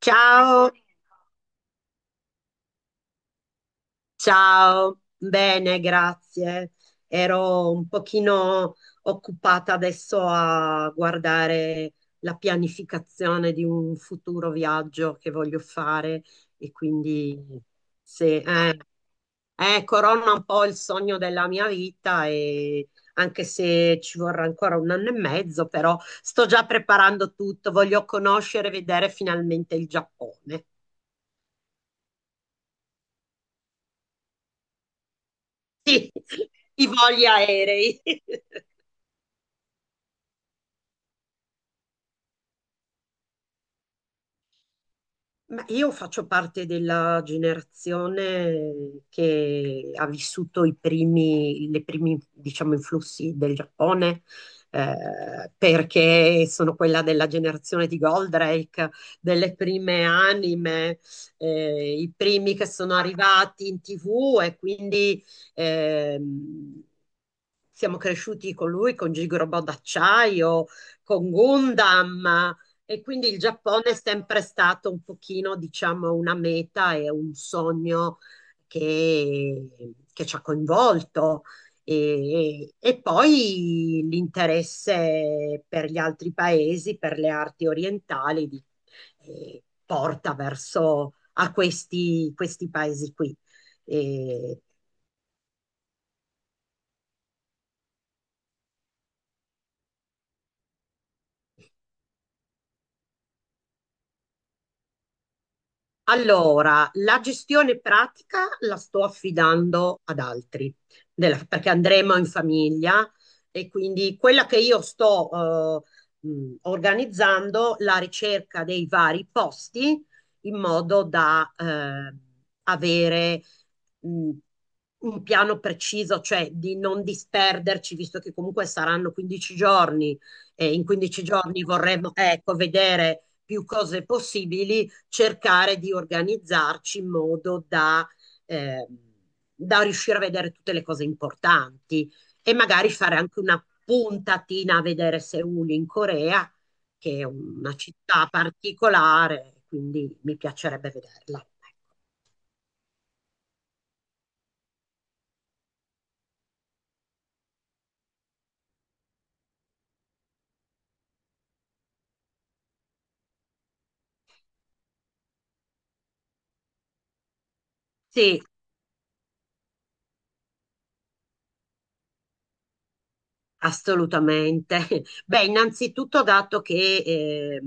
Ciao, ciao, bene, grazie. Ero un pochino occupata adesso a guardare la pianificazione di un futuro viaggio che voglio fare e quindi se, corona un po' il sogno della mia vita e anche se ci vorrà ancora un anno e mezzo, però sto già preparando tutto, voglio conoscere e vedere finalmente il Giappone. Sì, i voli aerei. Ma io faccio parte della generazione che ha vissuto i primi, le primi, diciamo, influssi del Giappone, perché sono quella della generazione di Goldrake, delle prime anime, i primi che sono arrivati in TV e quindi ehm, siamo cresciuti con lui, con Gigobò d'acciaio, con Gundam. E quindi il Giappone è sempre stato un pochino, diciamo, una meta e un sogno che, che ci ha coinvolto. E poi l'interesse per gli altri paesi, per le arti orientali, porta verso a questi paesi qui. E allora, la gestione pratica la sto affidando ad altri, perché andremo in famiglia e quindi quella che io sto organizzando la ricerca dei vari posti in modo da avere mh, un piano preciso, cioè di non disperderci, visto che comunque saranno 15 giorni e in 15 giorni vorremmo, ecco, vedere più cose possibili, cercare di organizzarci in modo da, eh, da riuscire a vedere tutte le cose importanti e magari fare anche una puntatina a vedere Seul in Corea, che è una città particolare, quindi mi piacerebbe vederla. Sì, assolutamente. Beh, innanzitutto dato che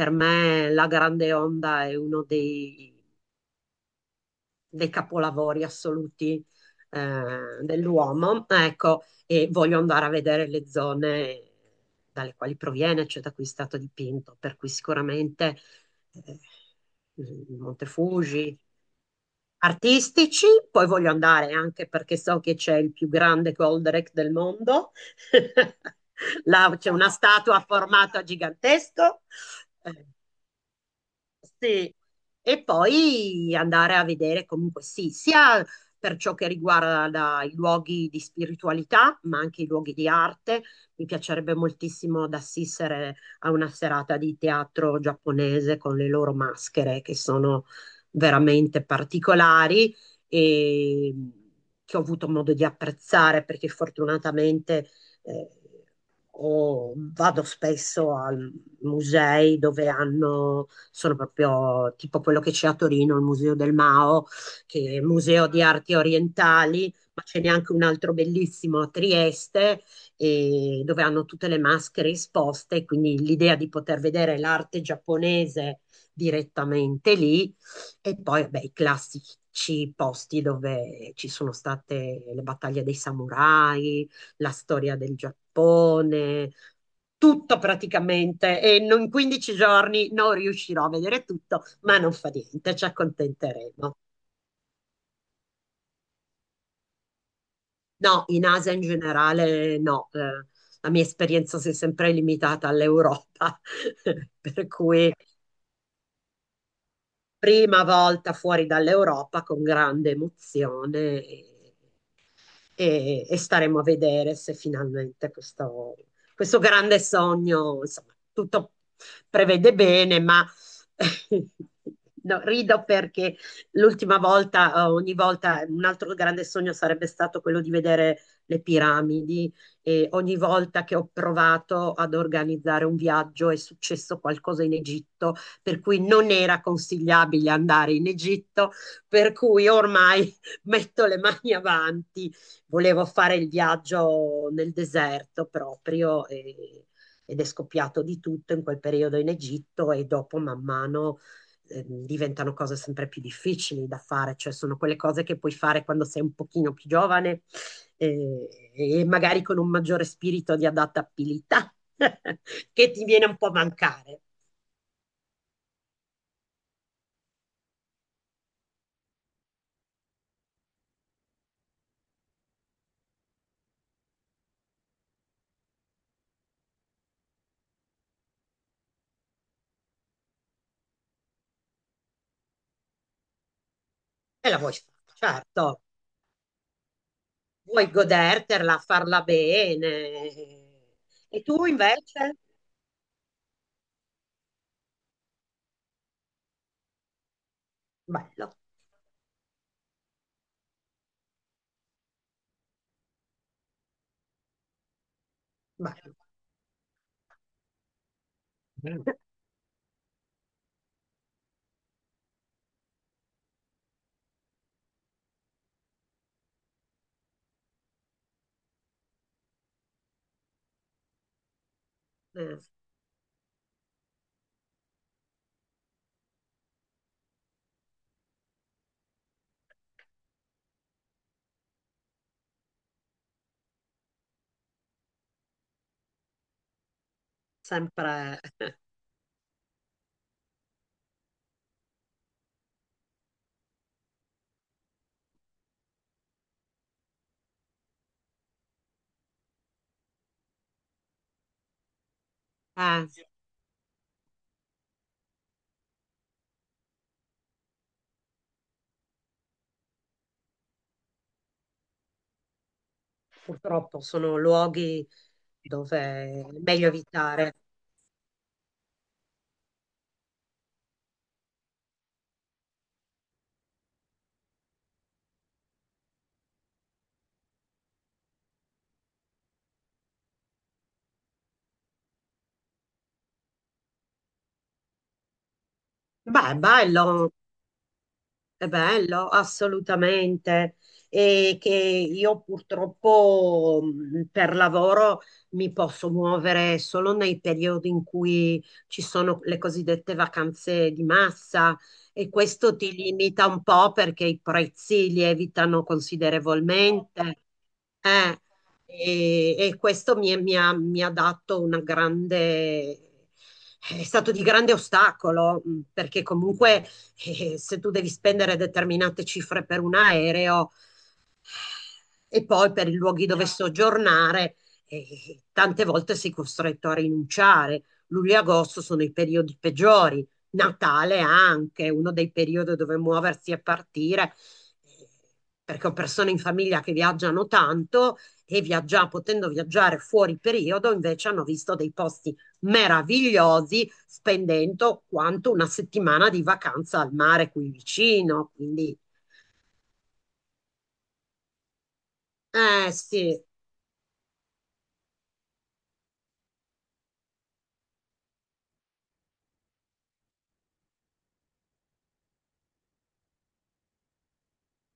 per me la Grande Onda è uno dei dei capolavori assoluti dell'uomo, ecco, e voglio andare a vedere le zone dalle quali proviene, cioè da cui è stato dipinto, per cui sicuramente eh, il Monte Fuji, artistici, poi voglio andare anche perché so che c'è il più grande Goldrake del mondo, là c'è una statua a formato gigantesco, eh, sì. E poi andare a vedere comunque sì, sia per ciò che riguarda i luoghi di spiritualità, ma anche i luoghi di arte. Mi piacerebbe moltissimo ad assistere a una serata di teatro giapponese con le loro maschere che sono veramente particolari e che ho avuto modo di apprezzare perché fortunatamente eh, vado spesso a musei dove hanno sono proprio tipo quello che c'è a Torino, il Museo del Mao, che è il Museo di Arti Orientali, ma ce n'è anche un altro bellissimo a Trieste, e dove hanno tutte le maschere esposte, quindi l'idea di poter vedere l'arte giapponese direttamente lì e poi beh, i classici posti dove ci sono state le battaglie dei samurai, la storia del Giappone, tutto praticamente e in 15 giorni non riuscirò a vedere tutto, ma non fa niente, ci accontenteremo. No, in Asia in generale no, la mia esperienza si è sempre limitata all'Europa, per cui prima volta fuori dall'Europa con grande emozione. E staremo a vedere se finalmente questo grande sogno, insomma, tutto prevede bene, ma no, rido perché l'ultima volta, ogni volta, un altro grande sogno sarebbe stato quello di vedere le piramidi e ogni volta che ho provato ad organizzare un viaggio è successo qualcosa in Egitto, per cui non era consigliabile andare in Egitto, per cui ormai metto le mani avanti, volevo fare il viaggio nel deserto proprio ed è scoppiato di tutto in quel periodo in Egitto e dopo man mano diventano cose sempre più difficili da fare, cioè sono quelle cose che puoi fare quando sei un pochino più giovane, e magari con un maggiore spirito di adattabilità che ti viene un po' a mancare e la vuoi fare, certo, vuoi goderterla, farla bene. E tu invece? Bello, bello. Eh, sempre, eh, purtroppo sono luoghi dove è meglio evitare. Beh, è bello. È bello, assolutamente. E che io purtroppo per lavoro mi posso muovere solo nei periodi in cui ci sono le cosiddette vacanze di massa e questo ti limita un po' perché i prezzi lievitano considerevolmente. Eh, mi ha dato una grande... È stato di grande ostacolo, perché comunque e se tu devi spendere determinate cifre per un aereo, e poi per i luoghi dove soggiornare, tante volte sei costretto a rinunciare. Luglio e agosto sono i periodi peggiori, Natale anche, uno dei periodi dove muoversi e partire, eh, perché ho persone in famiglia che viaggiano tanto e viaggia, potendo viaggiare fuori periodo, invece hanno visto dei posti meravigliosi spendendo quanto una settimana di vacanza al mare qui vicino. Quindi, eh sì.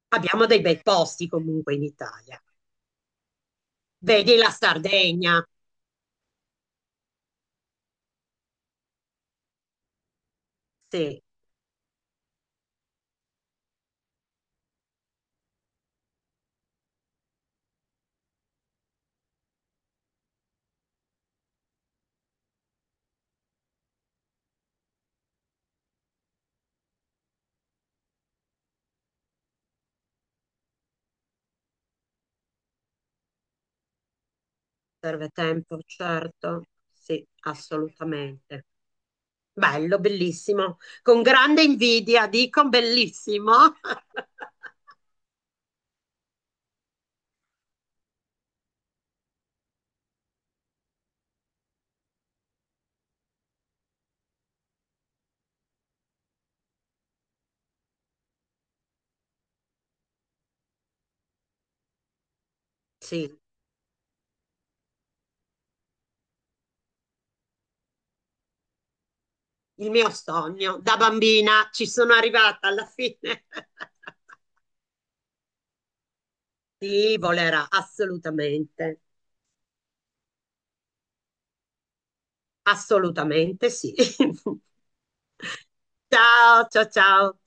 Abbiamo dei bei posti comunque in Italia. Vedi la Sardegna? Sì, serve tempo, certo. Sì, assolutamente. Bello, bellissimo. Con grande invidia, dico bellissimo. Sì, il mio sogno da bambina ci sono arrivata alla fine. Sì, volerà, assolutamente. Assolutamente sì. Ciao, ciao, ciao.